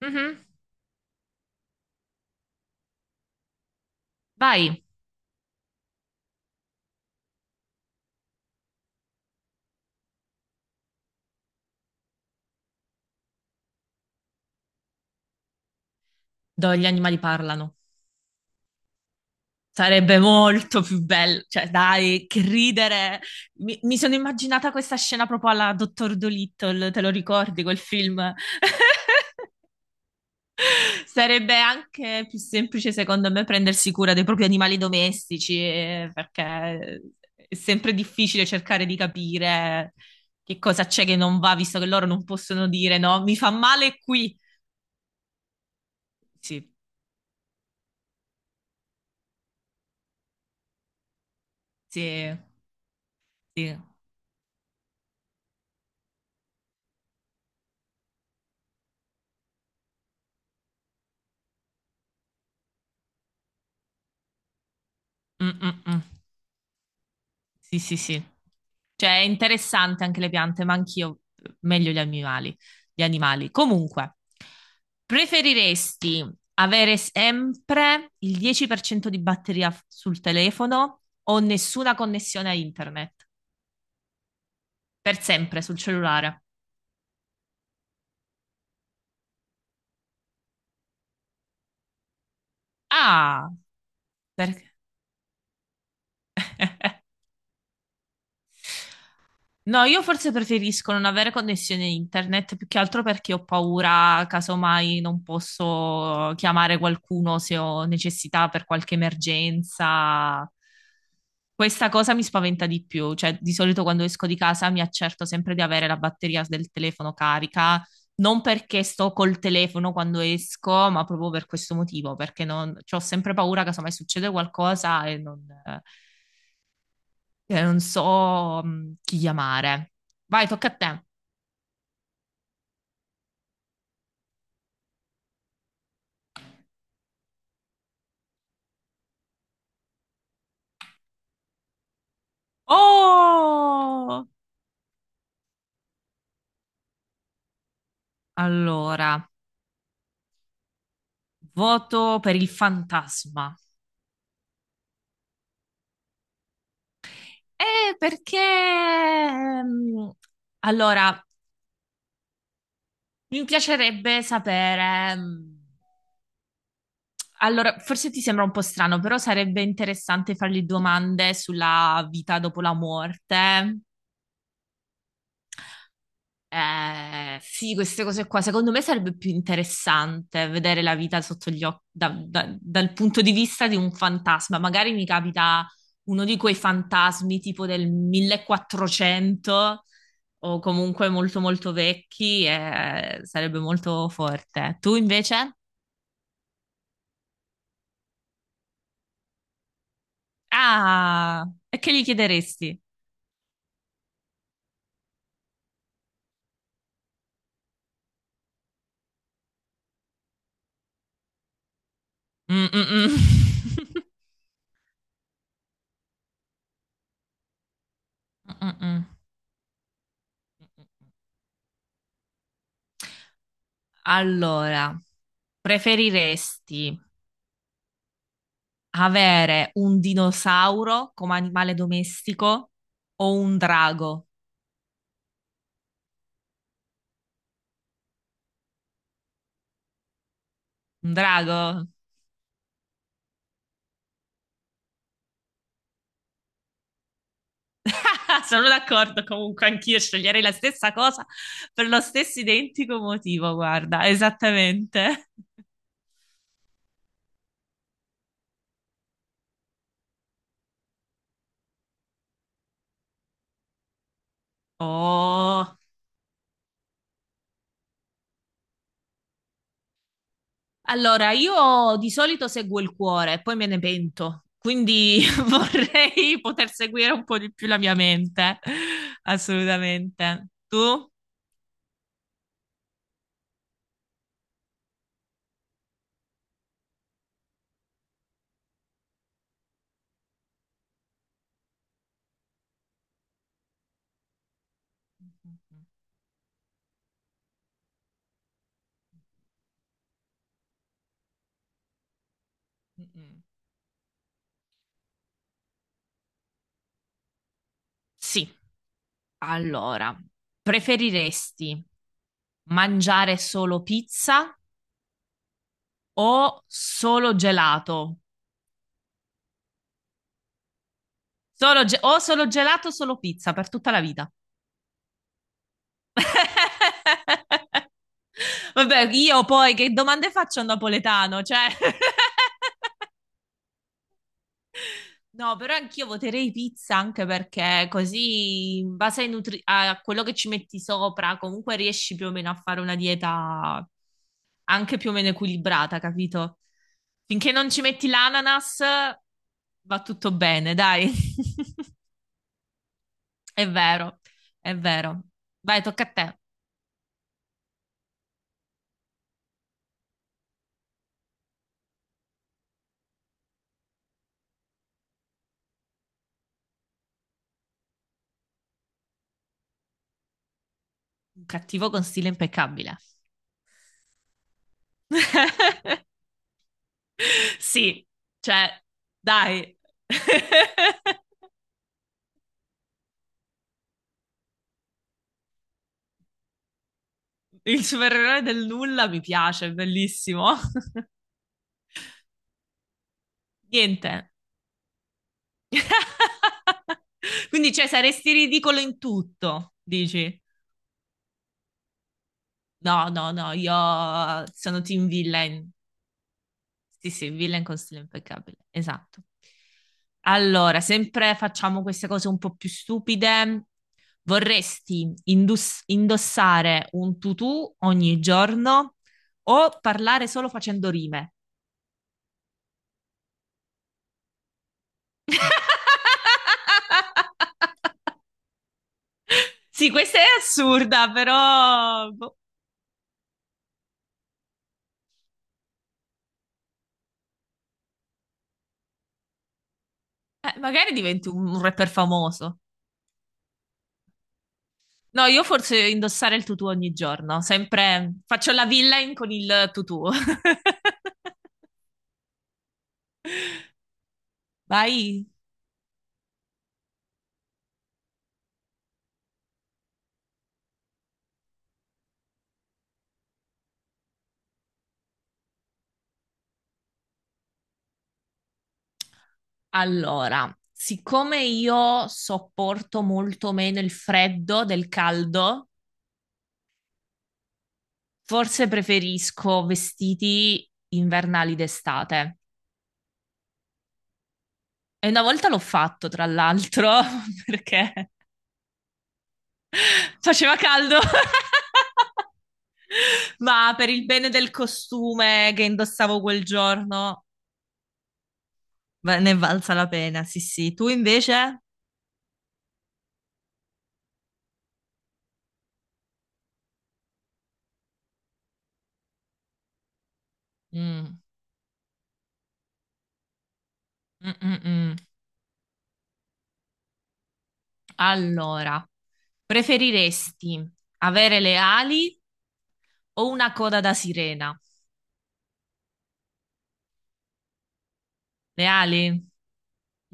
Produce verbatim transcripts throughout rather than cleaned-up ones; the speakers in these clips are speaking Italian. Mhm. Vai, dove gli animali parlano. Sarebbe molto più bello, cioè dai, che ridere. Mi, mi sono immaginata questa scena proprio alla Dottor Dolittle, te lo ricordi quel film? Sarebbe anche più semplice, secondo me, prendersi cura dei propri animali domestici, eh, perché è sempre difficile cercare di capire che cosa c'è che non va, visto che loro non possono dire no, mi fa male qui. Sì, sì, sì. Mm, mm, mm. Sì, sì, sì. Cioè, è interessante anche le piante, ma anch'io meglio gli animali. Gli animali. Comunque, preferiresti avere sempre il dieci per cento di batteria f- sul telefono o nessuna connessione a internet? Per sempre sul cellulare. Ah, perché? No, io forse preferisco non avere connessione internet più che altro perché ho paura, casomai non posso chiamare qualcuno se ho necessità per qualche emergenza. Questa cosa mi spaventa di più, cioè di solito quando esco di casa mi accerto sempre di avere la batteria del telefono carica, non perché sto col telefono quando esco, ma proprio per questo motivo, perché non, cioè, ho sempre paura, casomai succede qualcosa e non che non so mm, chi chiamare. Vai, tocca a te. Oh! Allora, voto per il fantasma. Eh, perché... mm, Allora, mi piacerebbe sapere... mm, Allora, forse ti sembra un po' strano, però sarebbe interessante fargli domande sulla vita dopo la morte. Eh, sì, queste cose qua, secondo me sarebbe più interessante vedere la vita sotto gli occhi, da- da- dal punto di vista di un fantasma. Magari mi capita uno di quei fantasmi tipo del millequattrocento o comunque molto molto vecchi e sarebbe molto forte. Tu invece? Ah, e che gli chiederesti? Mm, mm, mm. Mm, mm, mm. Allora, preferiresti avere un dinosauro come animale domestico o un drago? Un drago? Sono d'accordo, comunque anch'io sceglierei la stessa cosa per lo stesso identico motivo, guarda, esattamente. Oh. Allora, io di solito seguo il cuore, poi me ne pento, quindi vorrei poter seguire un po' di più la mia mente, assolutamente. Tu? Sì. Allora, preferiresti mangiare solo pizza o solo gelato? Solo ge- o solo gelato o solo pizza per tutta la vita. Vabbè, io poi che domande faccio a un napoletano? Cioè... No, però anch'io voterei pizza anche perché così, in base ai nutri- a quello che ci metti sopra, comunque riesci più o meno a fare una dieta. Anche più o meno equilibrata, capito? Finché non ci metti l'ananas, va tutto bene, dai. È vero, è vero. Vai, tocca a te. Un cattivo con stile impeccabile. Sì, cioè, dai. Il supereroe del nulla mi piace, è bellissimo. Niente. Quindi, cioè, saresti ridicolo in tutto, dici? No, no, no, io sono team villain. Sì, sì, villain con stile impeccabile, esatto. Allora, sempre facciamo queste cose un po' più stupide. Vorresti indus- indossare un tutù ogni giorno o parlare solo facendo rime? Sì, questa è assurda, però boh. Eh, magari diventi un un rapper famoso. No, io forse indossare il tutù ogni giorno, sempre faccio la villain con il tutù. Vai. Allora, siccome io sopporto molto meno il freddo del caldo, forse preferisco vestiti invernali d'estate. E una volta l'ho fatto, tra l'altro, perché faceva caldo, ma per il bene del costume che indossavo quel giorno, va- ne è valsa la pena, sì, sì. Tu invece? Mm, mm, mm, mm. Allora, preferiresti avere le ali. Ho una coda da sirena. Le ali?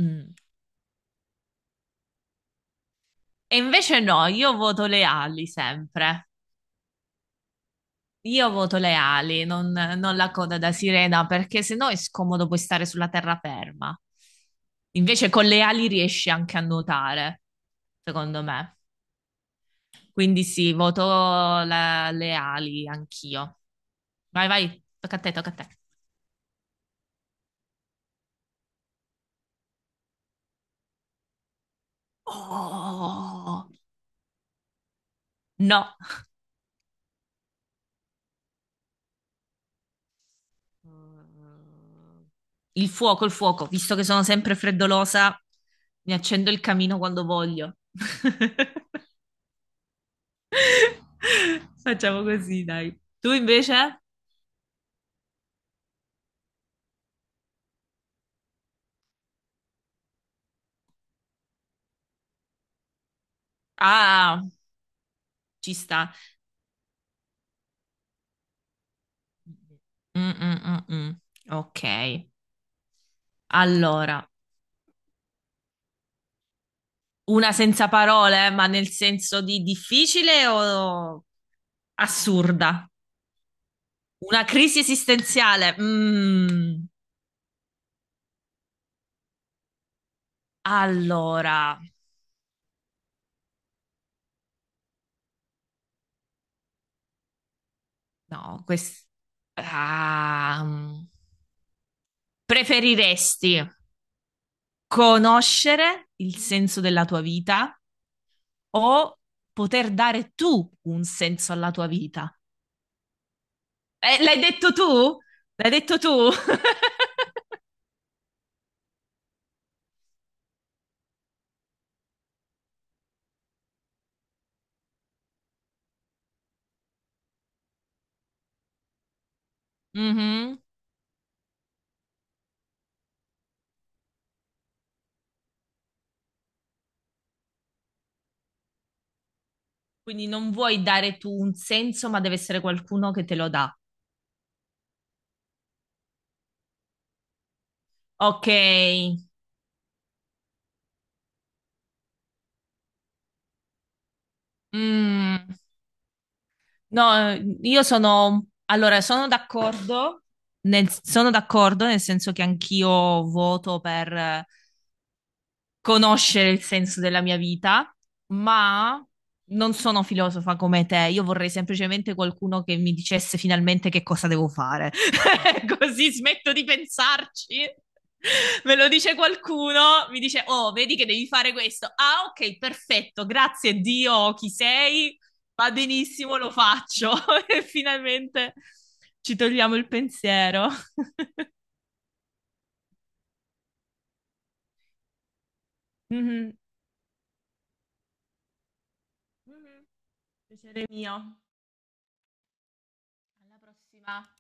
Mm. E invece no, io voto le ali sempre. Io voto le ali, non, non la coda da sirena, perché se no è scomodo poi stare sulla terraferma. Invece con le ali riesci anche a nuotare, secondo me. Quindi sì, voto la- le ali anch'io. Vai, vai, tocca a te, tocca a te. Oh, no. Mm, il fuoco, il fuoco, visto che sono sempre freddolosa, mi accendo il camino quando voglio. Facciamo così, dai. Tu invece? Ah, ci sta. Mm, mm, mm, mm. Ok. Allora, una senza parole, ma nel senso di difficile o assurda? Una crisi esistenziale. Mm. Allora. No, questo... Ah, mm. Preferiresti conoscere il senso della tua vita o poter dare tu un senso alla tua vita? Eh, l'hai detto tu? L'hai detto tu? Mhm. Quindi non vuoi dare tu un senso, ma deve essere qualcuno che te lo dà. Ok. Mm. No, io sono, allora, sono d'accordo, nel, sono d'accordo nel senso che anch'io voto per conoscere il senso della mia vita, ma non sono filosofa come te. Io vorrei semplicemente qualcuno che mi dicesse finalmente che cosa devo fare. Così smetto di pensarci. Me lo dice qualcuno, mi dice: Oh, vedi che devi fare questo. Ah, ok, perfetto, grazie Dio, chi sei? Va benissimo, lo faccio. E finalmente ci togliamo il pensiero. Mhm. Mhm. Mio. Alla prossima.